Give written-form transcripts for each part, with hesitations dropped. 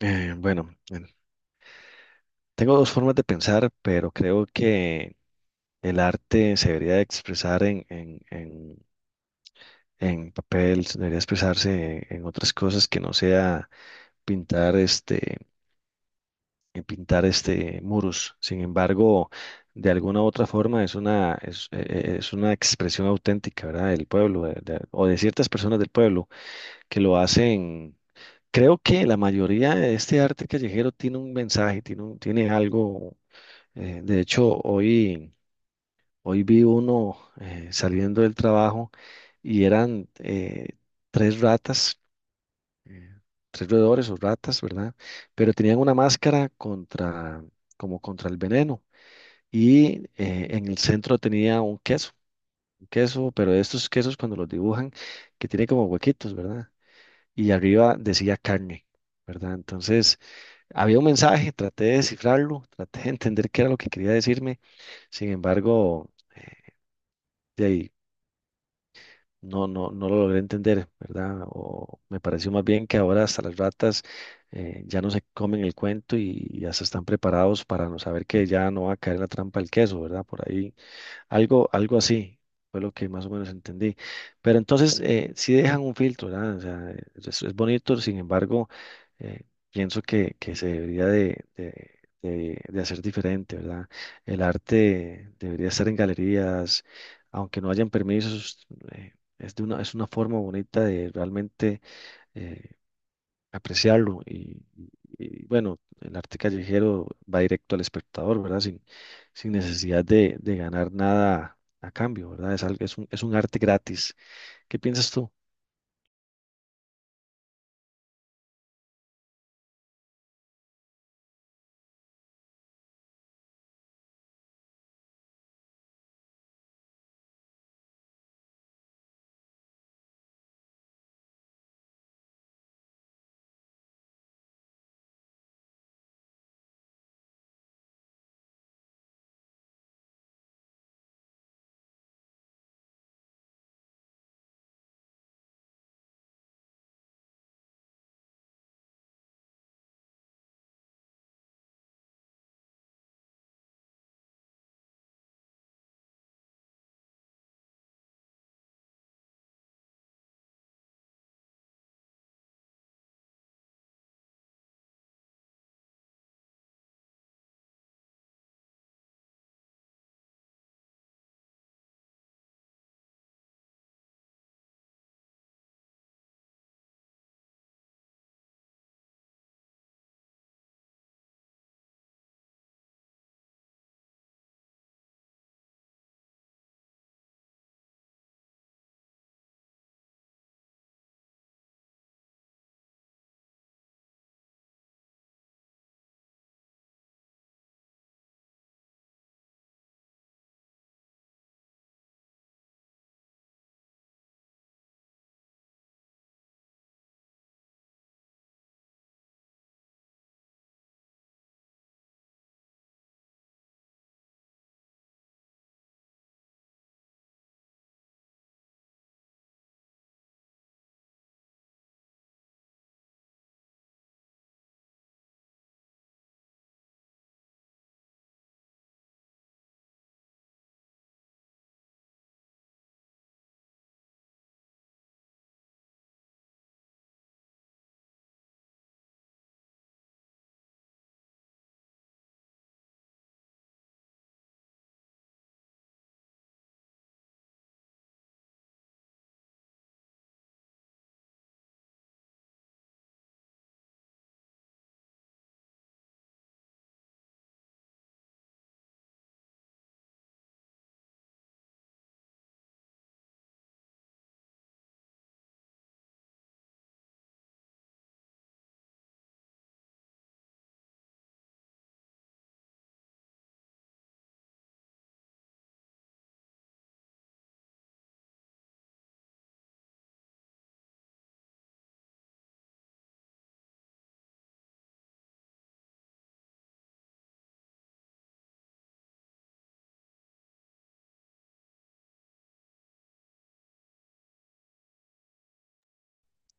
Eh, bueno, eh, tengo dos formas de pensar, pero creo que el arte se debería de expresar en papel, se debería expresarse en otras cosas que no sea pintar pintar este muros. Sin embargo, de alguna u otra forma es una expresión auténtica, ¿verdad? Del pueblo, o de ciertas personas del pueblo que lo hacen. Creo que la mayoría de este arte callejero tiene un mensaje, tiene algo. De hecho, hoy vi uno saliendo del trabajo y eran tres ratas, eh, tres roedores o ratas, ¿verdad? Pero tenían una máscara contra, como contra el veneno y en el centro tenía un queso, pero estos quesos cuando los dibujan, que tiene como huequitos, ¿verdad? Y arriba decía carne, ¿verdad? Entonces, había un mensaje, traté de descifrarlo, traté de entender qué era lo que quería decirme. Sin embargo, de ahí no lo logré entender, ¿verdad? O me pareció más bien que ahora hasta las ratas ya no se comen el cuento y ya se están preparados para no saber que ya no va a caer en la trampa del queso, ¿verdad? Por ahí. Algo, algo así fue lo que más o menos entendí. Pero entonces sí dejan un filtro, ¿verdad? O sea, es bonito, sin embargo, eh, pienso que se debería de hacer diferente, ¿verdad? El arte debería estar en galerías, aunque no hayan permisos, eh, es es una forma bonita de realmente eh, apreciarlo. Y, bueno, el arte callejero va directo al espectador, ¿verdad? Sin necesidad de ganar nada a cambio, ¿verdad? Es un arte gratis. ¿Qué piensas tú?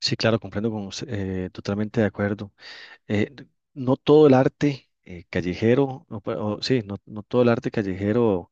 Sí, claro, comprendo con usted, totalmente de acuerdo. Eh, no todo el arte callejero, o sí, no todo el arte callejero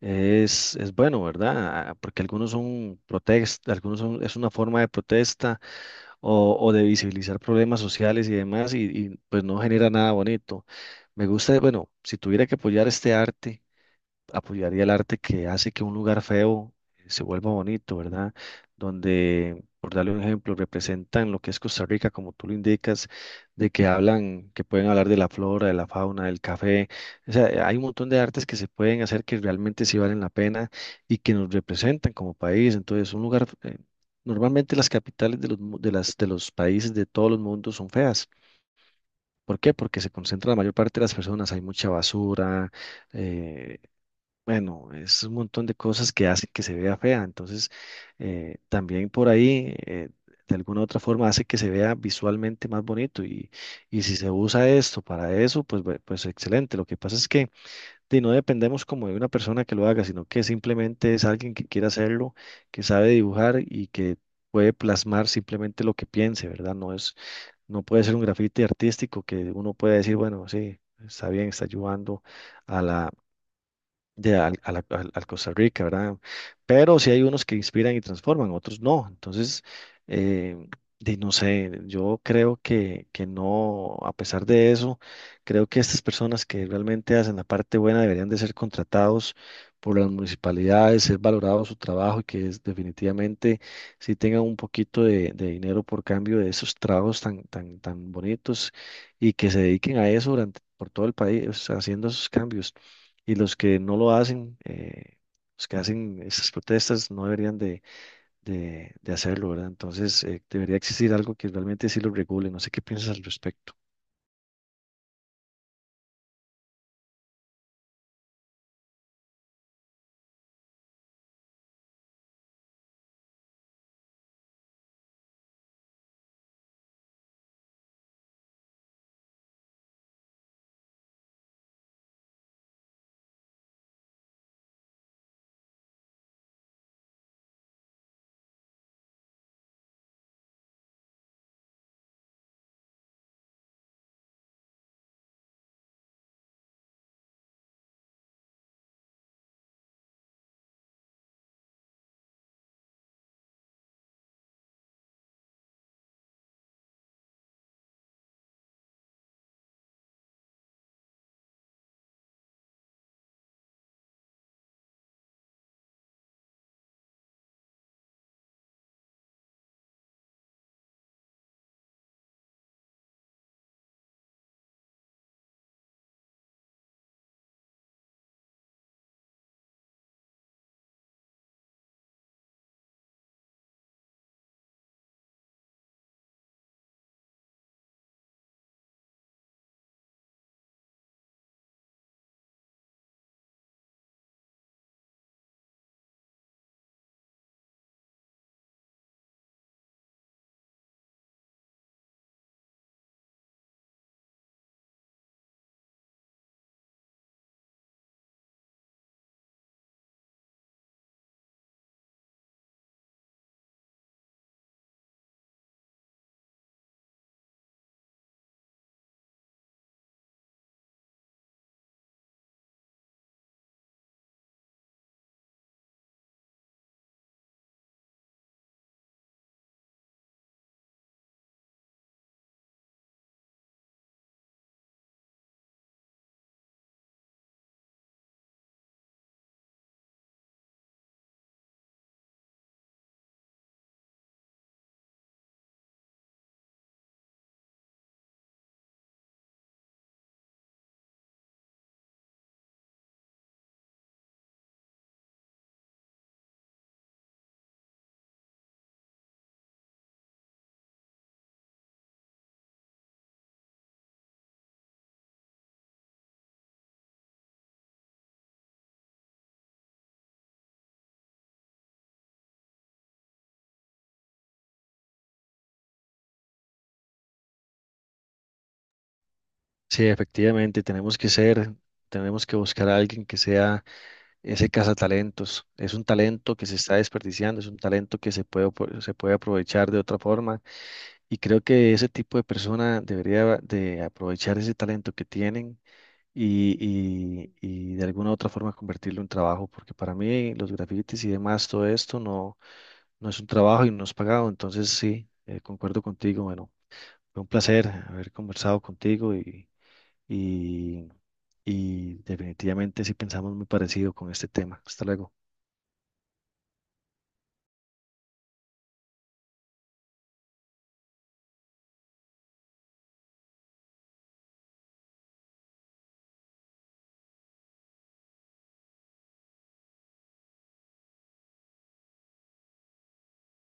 es bueno, ¿verdad? Ah, porque algunos son protestas, es una forma de protesta o de visibilizar problemas sociales y demás, pues no genera nada bonito. Me gusta, bueno, si tuviera que apoyar este arte, apoyaría el arte que hace que un lugar feo se vuelva bonito, ¿verdad? Donde, por darle un ejemplo, representan lo que es Costa Rica, como tú lo indicas, de que hablan, que pueden hablar de la flora, de la fauna, del café. O sea, hay un montón de artes que se pueden hacer que realmente sí valen la pena y que nos representan como país. Entonces, un lugar, normalmente las capitales de los, mu- de las, de los países de todos los mundos son feas. ¿Por qué? Porque se concentra la mayor parte de las personas, hay mucha basura, eh, bueno, es un montón de cosas que hacen que se vea fea. Entonces, también por ahí, de alguna u otra forma, hace que se vea visualmente más bonito. Y si se usa esto para eso, pues excelente. Lo que pasa es que no dependemos como de una persona que lo haga, sino que simplemente es alguien que quiere hacerlo, que sabe dibujar y que puede plasmar simplemente lo que piense, ¿verdad? No puede ser un grafiti artístico que uno puede decir, bueno, sí, está bien, está ayudando de al, a la- al- al Costa Rica, ¿verdad? Pero sí hay unos que inspiran y transforman, otros no. Entonces, eh, no sé, yo creo que no, a pesar de eso, creo que estas personas que realmente hacen la parte buena deberían de ser contratados por las municipalidades, ser valorado su trabajo y que definitivamente sí tengan un poquito de dinero por cambio de esos trabajos tan bonitos y que se dediquen a eso durante, por todo el país, haciendo esos cambios y los que no lo hacen, los que hacen esas protestas no deberían de hacerlo, ¿verdad? Entonces, debería existir algo que realmente sí lo regule. No sé qué piensas al respecto. Sí, efectivamente, tenemos que buscar a alguien que sea ese cazatalentos. Es un talento que se está desperdiciando, es un talento que se se puede aprovechar de otra forma y creo que ese tipo de persona debería de aprovechar ese talento que tienen y de alguna u otra forma convertirlo en trabajo, porque para mí los grafitis y demás, todo esto no, no es un trabajo y no es pagado, entonces sí, concuerdo contigo, bueno, fue un placer haber conversado contigo y, y definitivamente sí pensamos muy parecido con este tema. Hasta luego.